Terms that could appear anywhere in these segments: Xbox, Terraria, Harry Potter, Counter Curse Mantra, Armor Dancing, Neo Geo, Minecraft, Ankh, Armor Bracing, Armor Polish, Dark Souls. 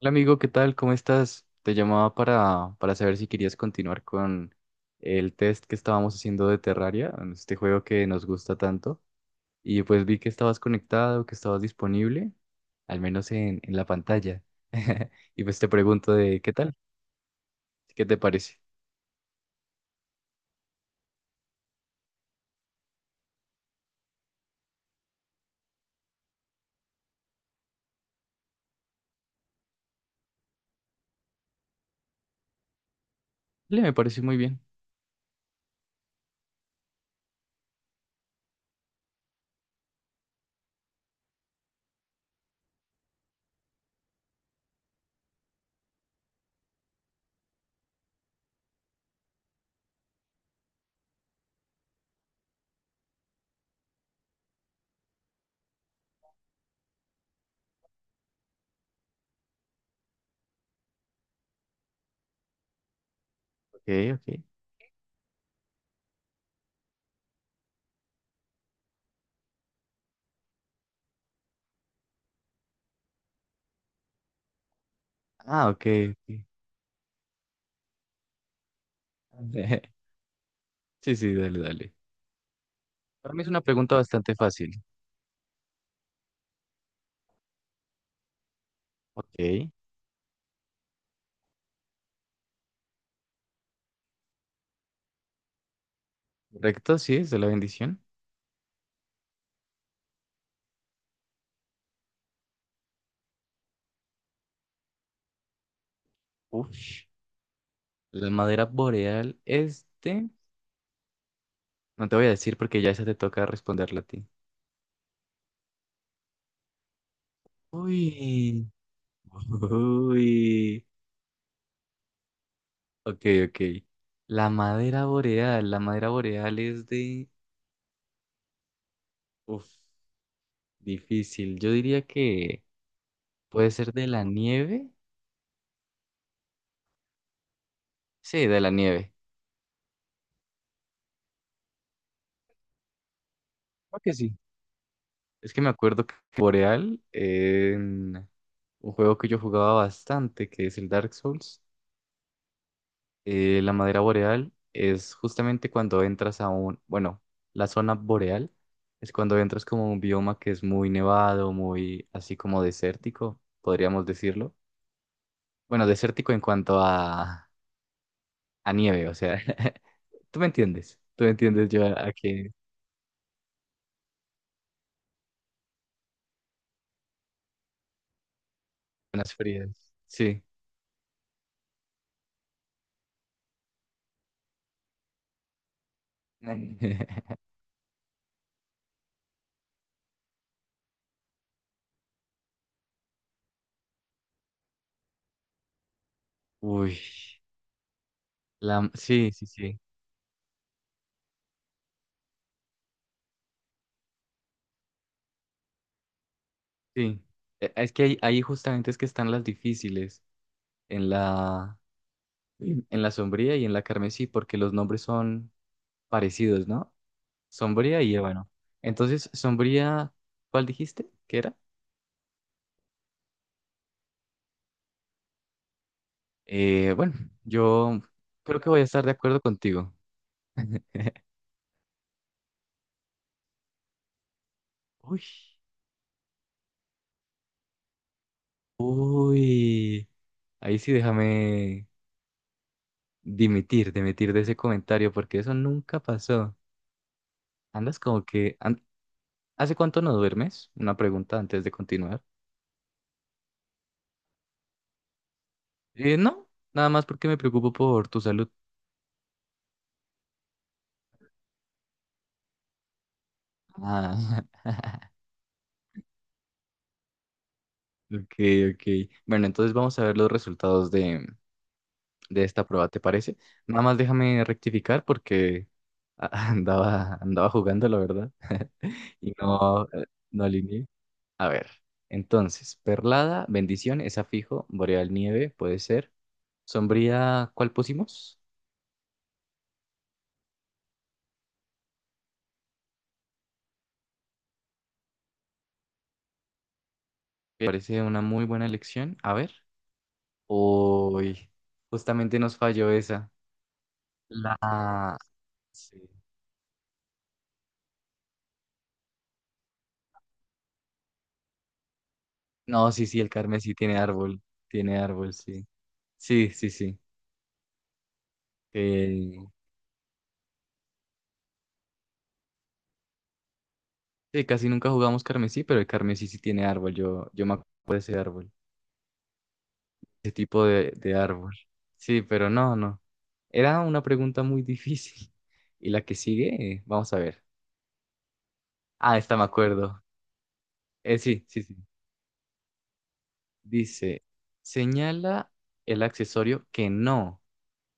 Hola amigo, ¿qué tal? ¿Cómo estás? Te llamaba para saber si querías continuar con el test que estábamos haciendo de Terraria, este juego que nos gusta tanto. Y pues vi que estabas conectado, que estabas disponible, al menos en la pantalla. Y pues te pregunto de qué tal, qué te parece. Dale, me parece muy bien. Ok, ok. Ah, ok. Ok. Sí, sí, dale, dale. Para mí es una pregunta bastante fácil. Ok. Correcto, sí, es de la bendición. Uf. La madera boreal, este. No te voy a decir porque ya esa te toca responderla a ti. Uy. Uy. Ok, ok. La madera boreal. La madera boreal es de. Uf, difícil. Yo diría que puede ser de la nieve. Sí, de la nieve. Creo que sí. Es que me acuerdo que boreal en un juego que yo jugaba bastante, que es el Dark Souls. La madera boreal es justamente cuando entras a un, bueno, la zona boreal es cuando entras como a un bioma que es muy nevado, muy así como desértico, podríamos decirlo. Bueno, desértico en cuanto a nieve, o sea, tú me entiendes yo a que zonas frías. Sí. Uy, la, sí, sí, sí, sí. Es que ahí justamente es que están las difíciles en la sombría y en la carmesí, porque los nombres son parecidos, ¿no? Sombría y ébano. Entonces, sombría, ¿cuál dijiste que era? Eh, bueno, yo creo que voy a estar de acuerdo contigo. Uy, uy, ahí sí déjame dimitir de ese comentario, porque eso nunca pasó. Andas como que... ¿Hace cuánto no duermes? Una pregunta antes de continuar. Eh, no, nada más porque me preocupo por tu salud. Ah. Ok, ok. Bueno, entonces vamos a ver los resultados de esta prueba, ¿te parece? Nada más déjame rectificar porque andaba jugando, la verdad, y no, no alineé. A ver, entonces, perlada, bendición, esa fijo, boreal nieve, puede ser. Sombría, ¿cuál pusimos? Me parece una muy buena elección. A ver. Uy, justamente nos falló esa. La... sí. No, sí, sí, el carmesí tiene árbol, sí. Sí, sí, sí. Eh, sí, casi nunca jugamos carmesí, pero el carmesí sí tiene árbol. Yo me acuerdo de ese árbol, ese tipo de árbol. Sí, pero no, no. Era una pregunta muy difícil. Y la que sigue, vamos a ver. Ah, esta me acuerdo. Sí, sí, sí. Dice, señala el accesorio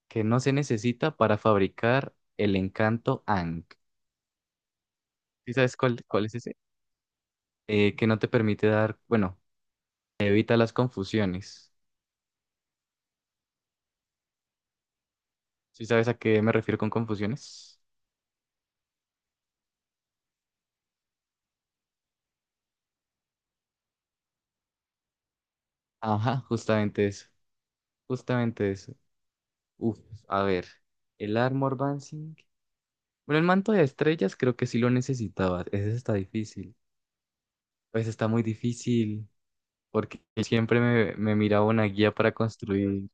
que no se necesita para fabricar el encanto Ankh. ¿Sí sabes cuál es ese? Que no te permite dar, bueno, evita las confusiones. ¿Sí sabes a qué me refiero con confusiones? Ajá, justamente eso. Justamente eso. Uf, a ver. El Armor Dancing. Bueno, el manto de estrellas creo que sí lo necesitaba. Ese está difícil. Pues está muy difícil. Porque siempre me miraba una guía para construir.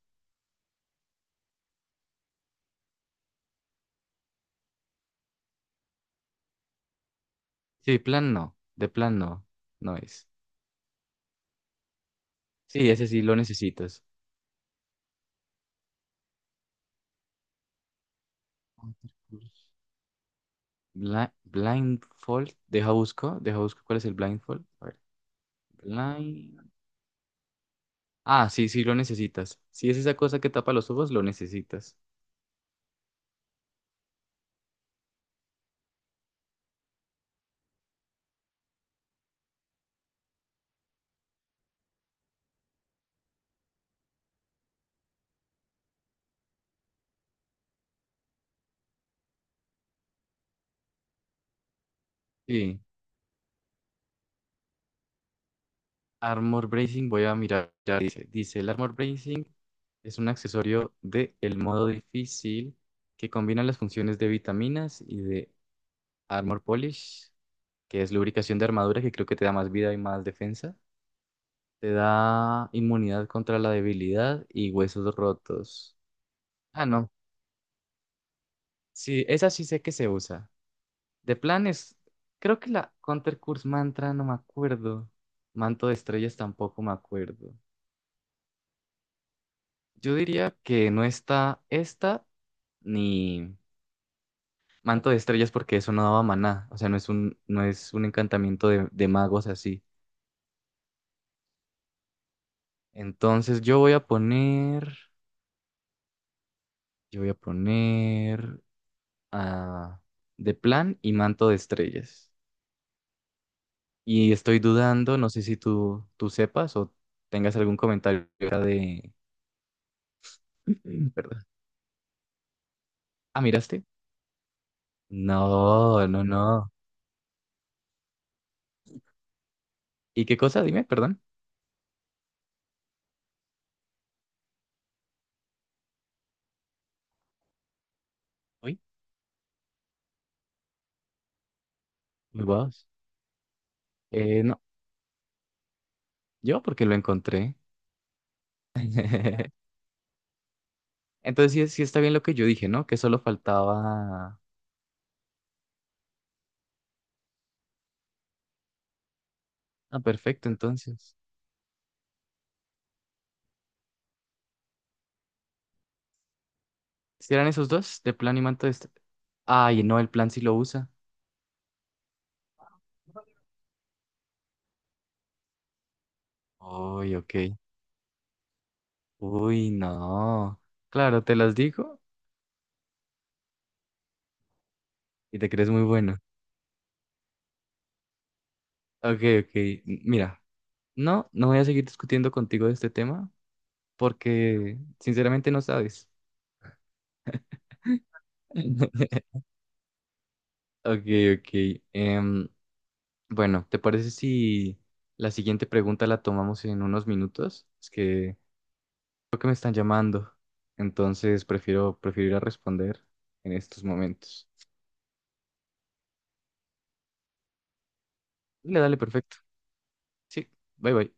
Sí, plan no. De plan no. No es. Sí, ese sí lo necesitas. Blindfold. Deja busco. Deja busco cuál es el blindfold. A ver. Ah, sí, sí, lo necesitas. Si es esa cosa que tapa los ojos, lo necesitas. Sí. Armor Bracing, voy a mirar. Ya dice, el Armor Bracing es un accesorio de el modo difícil que combina las funciones de vitaminas y de Armor Polish, que es lubricación de armadura, que creo que te da más vida y más defensa. Te da inmunidad contra la debilidad y huesos rotos. Ah, no. Sí, esa sí sé que se usa. De planes, creo que la Counter Curse Mantra no me acuerdo. Manto de Estrellas tampoco me acuerdo. Yo diría que no está esta ni Manto de Estrellas porque eso no daba maná. O sea, no es un encantamiento de magos así. Entonces yo voy a poner a de plan y Manto de Estrellas. Y estoy dudando, no sé si tú sepas o tengas algún comentario de... Perdón. Ah, ¿miraste? No, no, no. ¿Y qué cosa? Dime, perdón. Uy, muy guaos. No, yo porque lo encontré. Entonces sí, sí está bien lo que yo dije, ¿no? Que solo faltaba... Ah, perfecto, entonces. ¿Si eran esos dos? ¿De plan y manto de... este? Ay, no, el plan sí lo usa. Uy, ok. Uy, no. Claro, te las digo y te crees muy bueno. Ok, ok. Mira, no, no voy a seguir discutiendo contigo de este tema porque sinceramente no sabes. Ok, ok. Bueno, ¿te parece si la siguiente pregunta la tomamos en unos minutos? Es que creo que me están llamando, entonces prefiero ir a responder en estos momentos. Dale, dale, perfecto. Sí, bye bye.